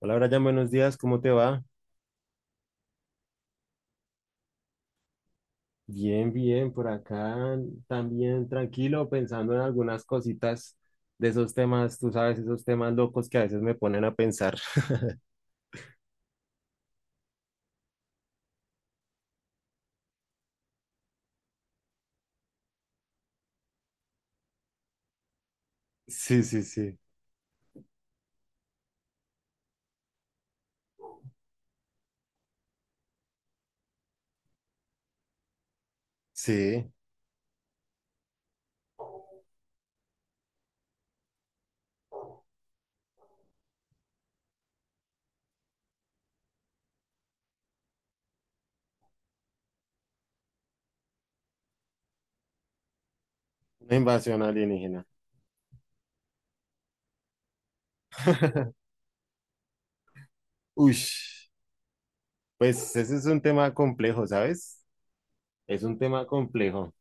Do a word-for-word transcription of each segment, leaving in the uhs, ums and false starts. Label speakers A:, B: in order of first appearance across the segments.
A: Hola, Brian, buenos días, ¿cómo te va? Bien, bien, por acá también tranquilo, pensando en algunas cositas de esos temas, tú sabes, esos temas locos que a veces me ponen a pensar. Sí, sí, sí, sí, una invasión alienígena. Uy, pues ese es un tema complejo, ¿sabes? Es un tema complejo.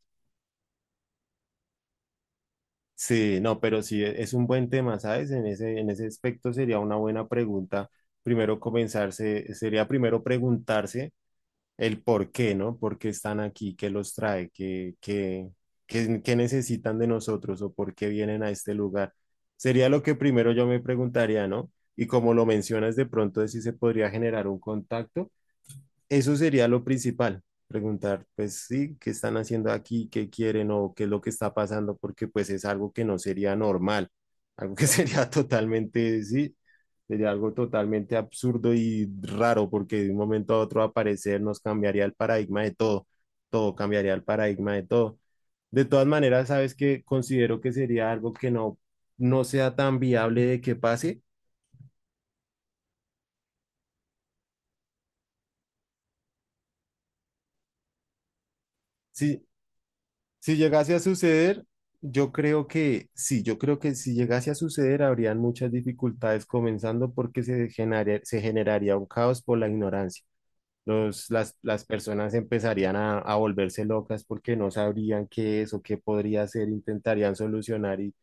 A: Sí, no, pero sí e- es un buen tema, ¿sabes? En ese, en ese aspecto sería una buena pregunta. Primero comenzarse, sería primero preguntarse el por qué, ¿no? ¿Por qué están aquí? ¿Qué los trae? ¿Qué, qué, qué, qué necesitan de nosotros o por qué vienen a este lugar? Sería lo que primero yo me preguntaría, ¿no? Y como lo mencionas, de pronto de si se podría generar un contacto, eso sería lo principal, preguntar, pues sí, qué están haciendo aquí, qué quieren o qué es lo que está pasando, porque pues es algo que no sería normal, algo que sería totalmente, sí, sería algo totalmente absurdo y raro, porque de un momento a otro aparecer nos cambiaría el paradigma de todo, todo cambiaría el paradigma de todo. De todas maneras, sabes que considero que sería algo que no, no sea tan viable de que pase. Sí, si llegase a suceder, yo creo que sí, yo creo que si llegase a suceder habrían muchas dificultades, comenzando porque se generaría, se generaría un caos por la ignorancia. Los, las, las personas empezarían a, a volverse locas porque no sabrían qué es o qué podría ser, intentarían solucionar y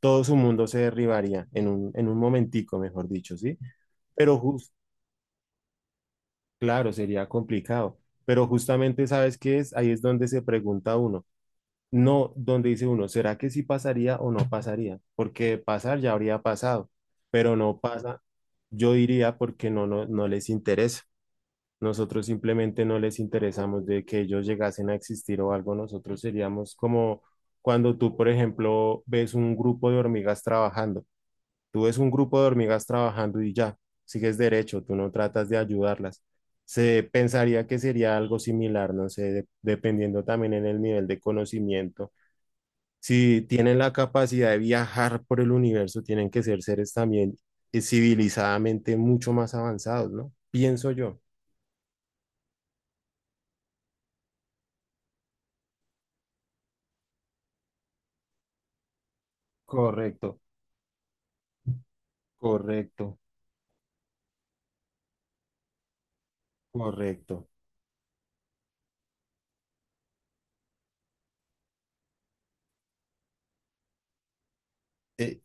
A: todo su mundo se derribaría en un, en un momentico, mejor dicho, ¿sí? Pero justo, claro, sería complicado, pero justamente, ¿sabes qué es? Ahí es donde se pregunta uno. No, donde dice uno, ¿será que sí pasaría o no pasaría? Porque pasar ya habría pasado, pero no pasa, yo diría porque no, no, no les interesa. Nosotros simplemente no les interesamos de que ellos llegasen a existir o algo. Nosotros seríamos como cuando tú, por ejemplo, ves un grupo de hormigas trabajando. Tú ves un grupo de hormigas trabajando y ya, sigues derecho, tú no tratas de ayudarlas. Se pensaría que sería algo similar, no sé, de- dependiendo también en el nivel de conocimiento, si tienen la capacidad de viajar por el universo, tienen que ser seres también eh, civilizadamente mucho más avanzados, ¿no? Pienso yo. Correcto, correcto. Correcto. Eh,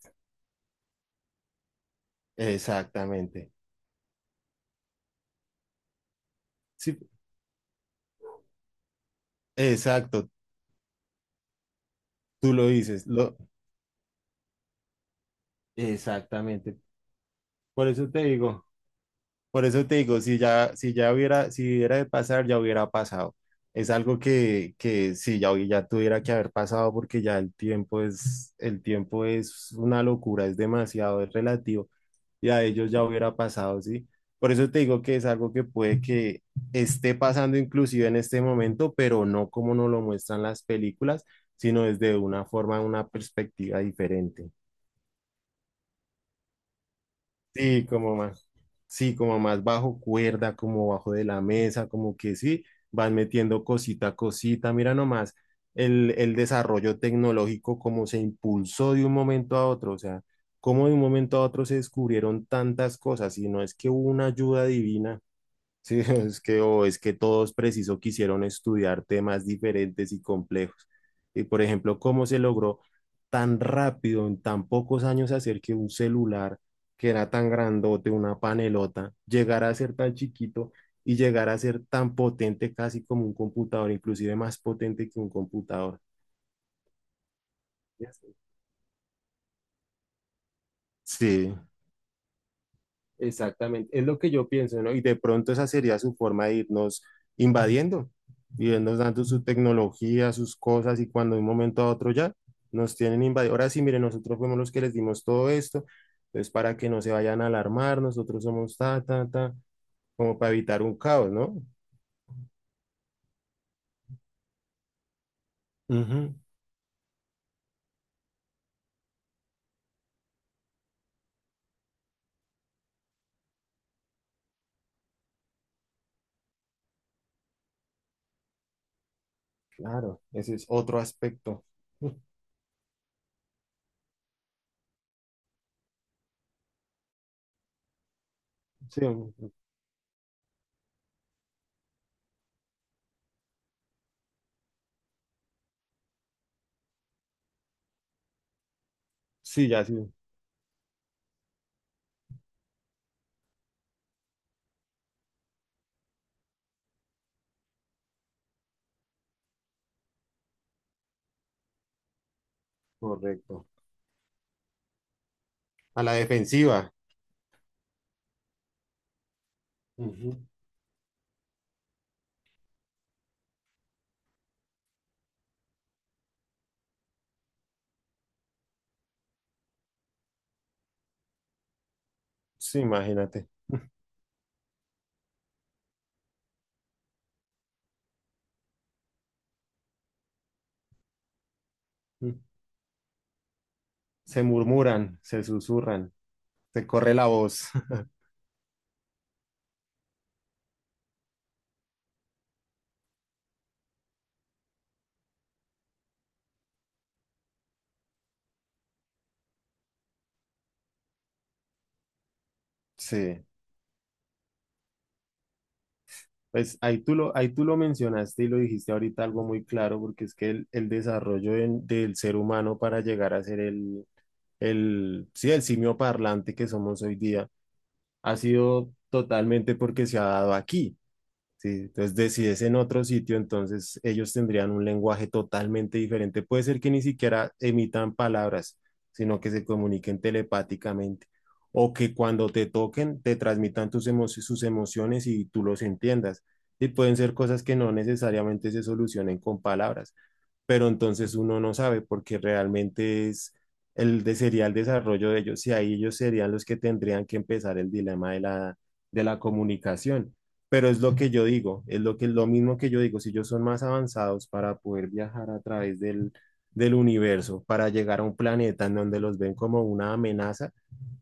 A: exactamente. Sí, exacto. Tú lo dices. Lo, exactamente. Por eso te digo. Por eso te digo, si ya, si ya hubiera, si hubiera de pasar, ya hubiera pasado. Es algo que, que sí, ya, hubi- ya tuviera que haber pasado porque ya el tiempo es, el tiempo es una locura, es demasiado, es relativo y a ellos ya hubiera pasado, ¿sí? Por eso te digo que es algo que puede que esté pasando inclusive en este momento, pero no como nos lo muestran las películas, sino desde una forma, una perspectiva diferente. Sí, como más, sí, como más bajo cuerda, como bajo de la mesa, como que sí, van metiendo cosita a cosita. Mira nomás el, el desarrollo tecnológico, como se impulsó de un momento a otro, o sea, como de un momento a otro se descubrieron tantas cosas, y no es que hubo una ayuda divina. Sí, es que, o es que todos preciso quisieron estudiar temas diferentes y complejos. Y por ejemplo, cómo se logró tan rápido, en tan pocos años, hacer que un celular que era tan grandote, una panelota, llegara a ser tan chiquito y llegara a ser tan potente casi como un computador, inclusive más potente que un computador. Sí. Sí. Exactamente, es lo que yo pienso, ¿no? Y de pronto esa sería su forma de irnos invadiendo, irnos dando su tecnología, sus cosas, y cuando de un momento a otro ya nos tienen invadido. Ahora sí, miren, nosotros fuimos los que les dimos todo esto, entonces para que no se vayan a alarmar, nosotros somos ta, ta, ta, como para evitar un caos, ¿no? Ujú. Claro, ese es otro aspecto. Sí, sí, ya sí, correcto. A la defensiva. Ujú. Sí, imagínate. Se murmuran, se susurran, se corre la voz. Sí, pues ahí tú lo, ahí tú lo mencionaste y lo dijiste ahorita algo muy claro, porque es que el, el desarrollo en- del ser humano para llegar a ser el, el, sí, el simio parlante que somos hoy día ha sido totalmente porque se ha dado aquí. Sí, entonces de- si es en otro sitio, entonces ellos tendrían un lenguaje totalmente diferente. Puede ser que ni siquiera emitan palabras, sino que se comuniquen telepáticamente o que cuando te toquen te transmitan tus emo- sus emociones y tú los entiendas. Y pueden ser cosas que no necesariamente se solucionen con palabras, pero entonces uno no sabe porque realmente es el de, sería el desarrollo de ellos y ahí ellos serían los que tendrían que empezar el dilema de la, de la comunicación. Pero es lo que yo digo, es lo que lo mismo que yo digo, si ellos son más avanzados para poder viajar a través del, del universo, para llegar a un planeta en donde los ven como una amenaza,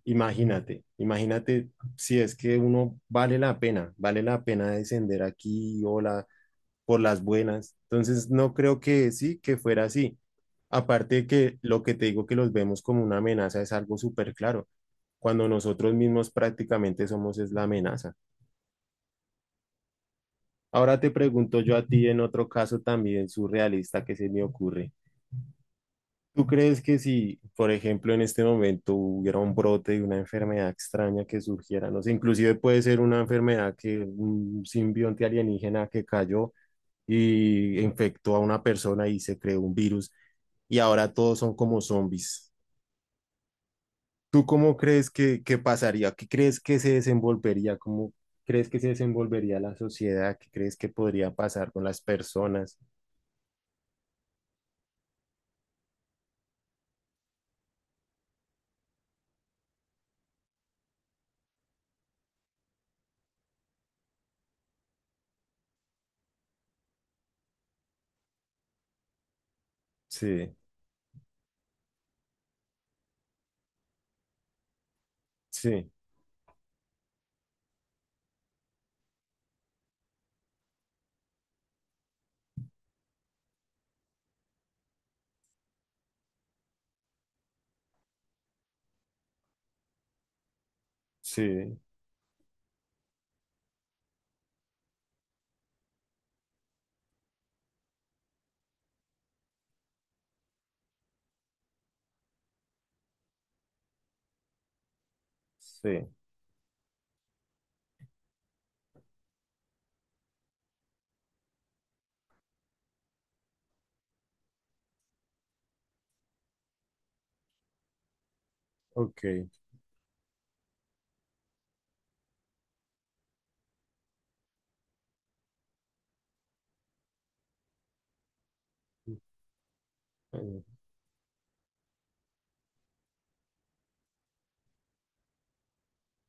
A: imagínate, imagínate si es que uno vale la pena, vale la pena descender aquí, hola, por las buenas. Entonces, no creo que sí, que fuera así. Aparte de que lo que te digo que los vemos como una amenaza es algo súper claro, cuando nosotros mismos prácticamente somos es la amenaza. Ahora te pregunto yo a ti en otro caso también surrealista que se me ocurre. ¿Tú crees que si, por ejemplo, en este momento hubiera un brote de una enfermedad extraña que surgiera, no sé, inclusive puede ser una enfermedad que un simbionte alienígena que cayó y infectó a una persona y se creó un virus, y ahora todos son como zombies? ¿Tú cómo crees que, que pasaría? ¿Qué crees que se desenvolvería? ¿Cómo crees que se desenvolvería la sociedad? ¿Qué crees que podría pasar con las personas? Sí, sí, sí, sí. Ok. Eh,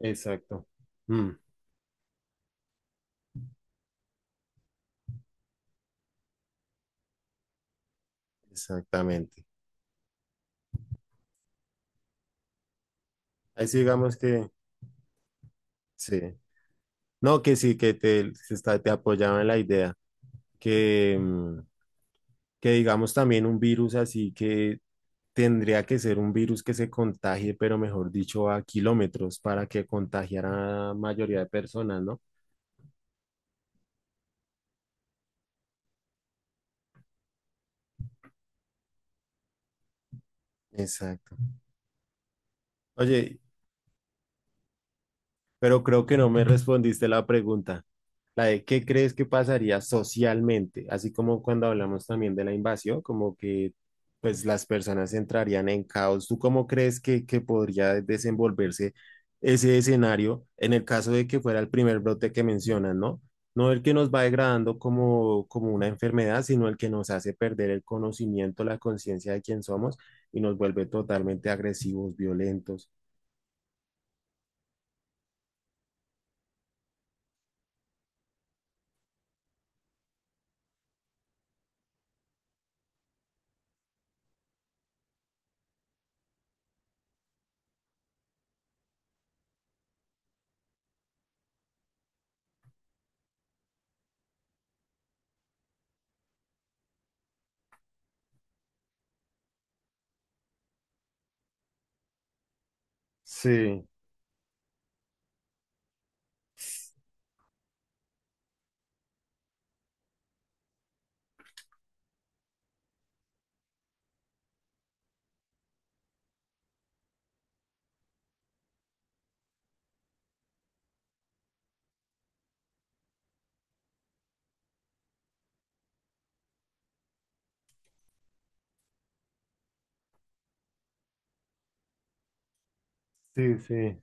A: exacto. Mm, exactamente. Así digamos que sí. No, que sí, que te, se está, te apoyaba en la idea que, mm, que digamos también un virus así que tendría que ser un virus que se contagie, pero mejor dicho, a kilómetros para que contagiara a la mayoría de personas, ¿no? Exacto. Oye, pero creo que no me respondiste la pregunta, la de qué crees que pasaría socialmente, así como cuando hablamos también de la invasión, como que pues las personas entrarían en caos. ¿Tú cómo crees que, que podría desenvolverse ese escenario en el caso de que fuera el primer brote que mencionas, ¿no? No el que nos va degradando como, como una enfermedad, sino el que nos hace perder el conocimiento, la conciencia de quién somos y nos vuelve totalmente agresivos, violentos. Sí, sí, sí.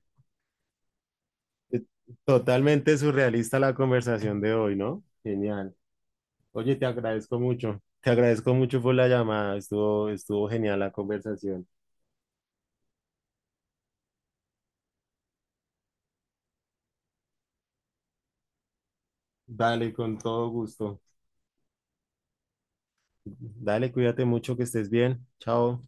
A: Eh, totalmente surrealista la conversación de hoy, ¿no? Genial. Oye, te agradezco mucho. Te agradezco mucho por la llamada. Estuvo, estuvo genial la conversación. Dale, con todo gusto. Dale, cuídate mucho, que estés bien. Chao.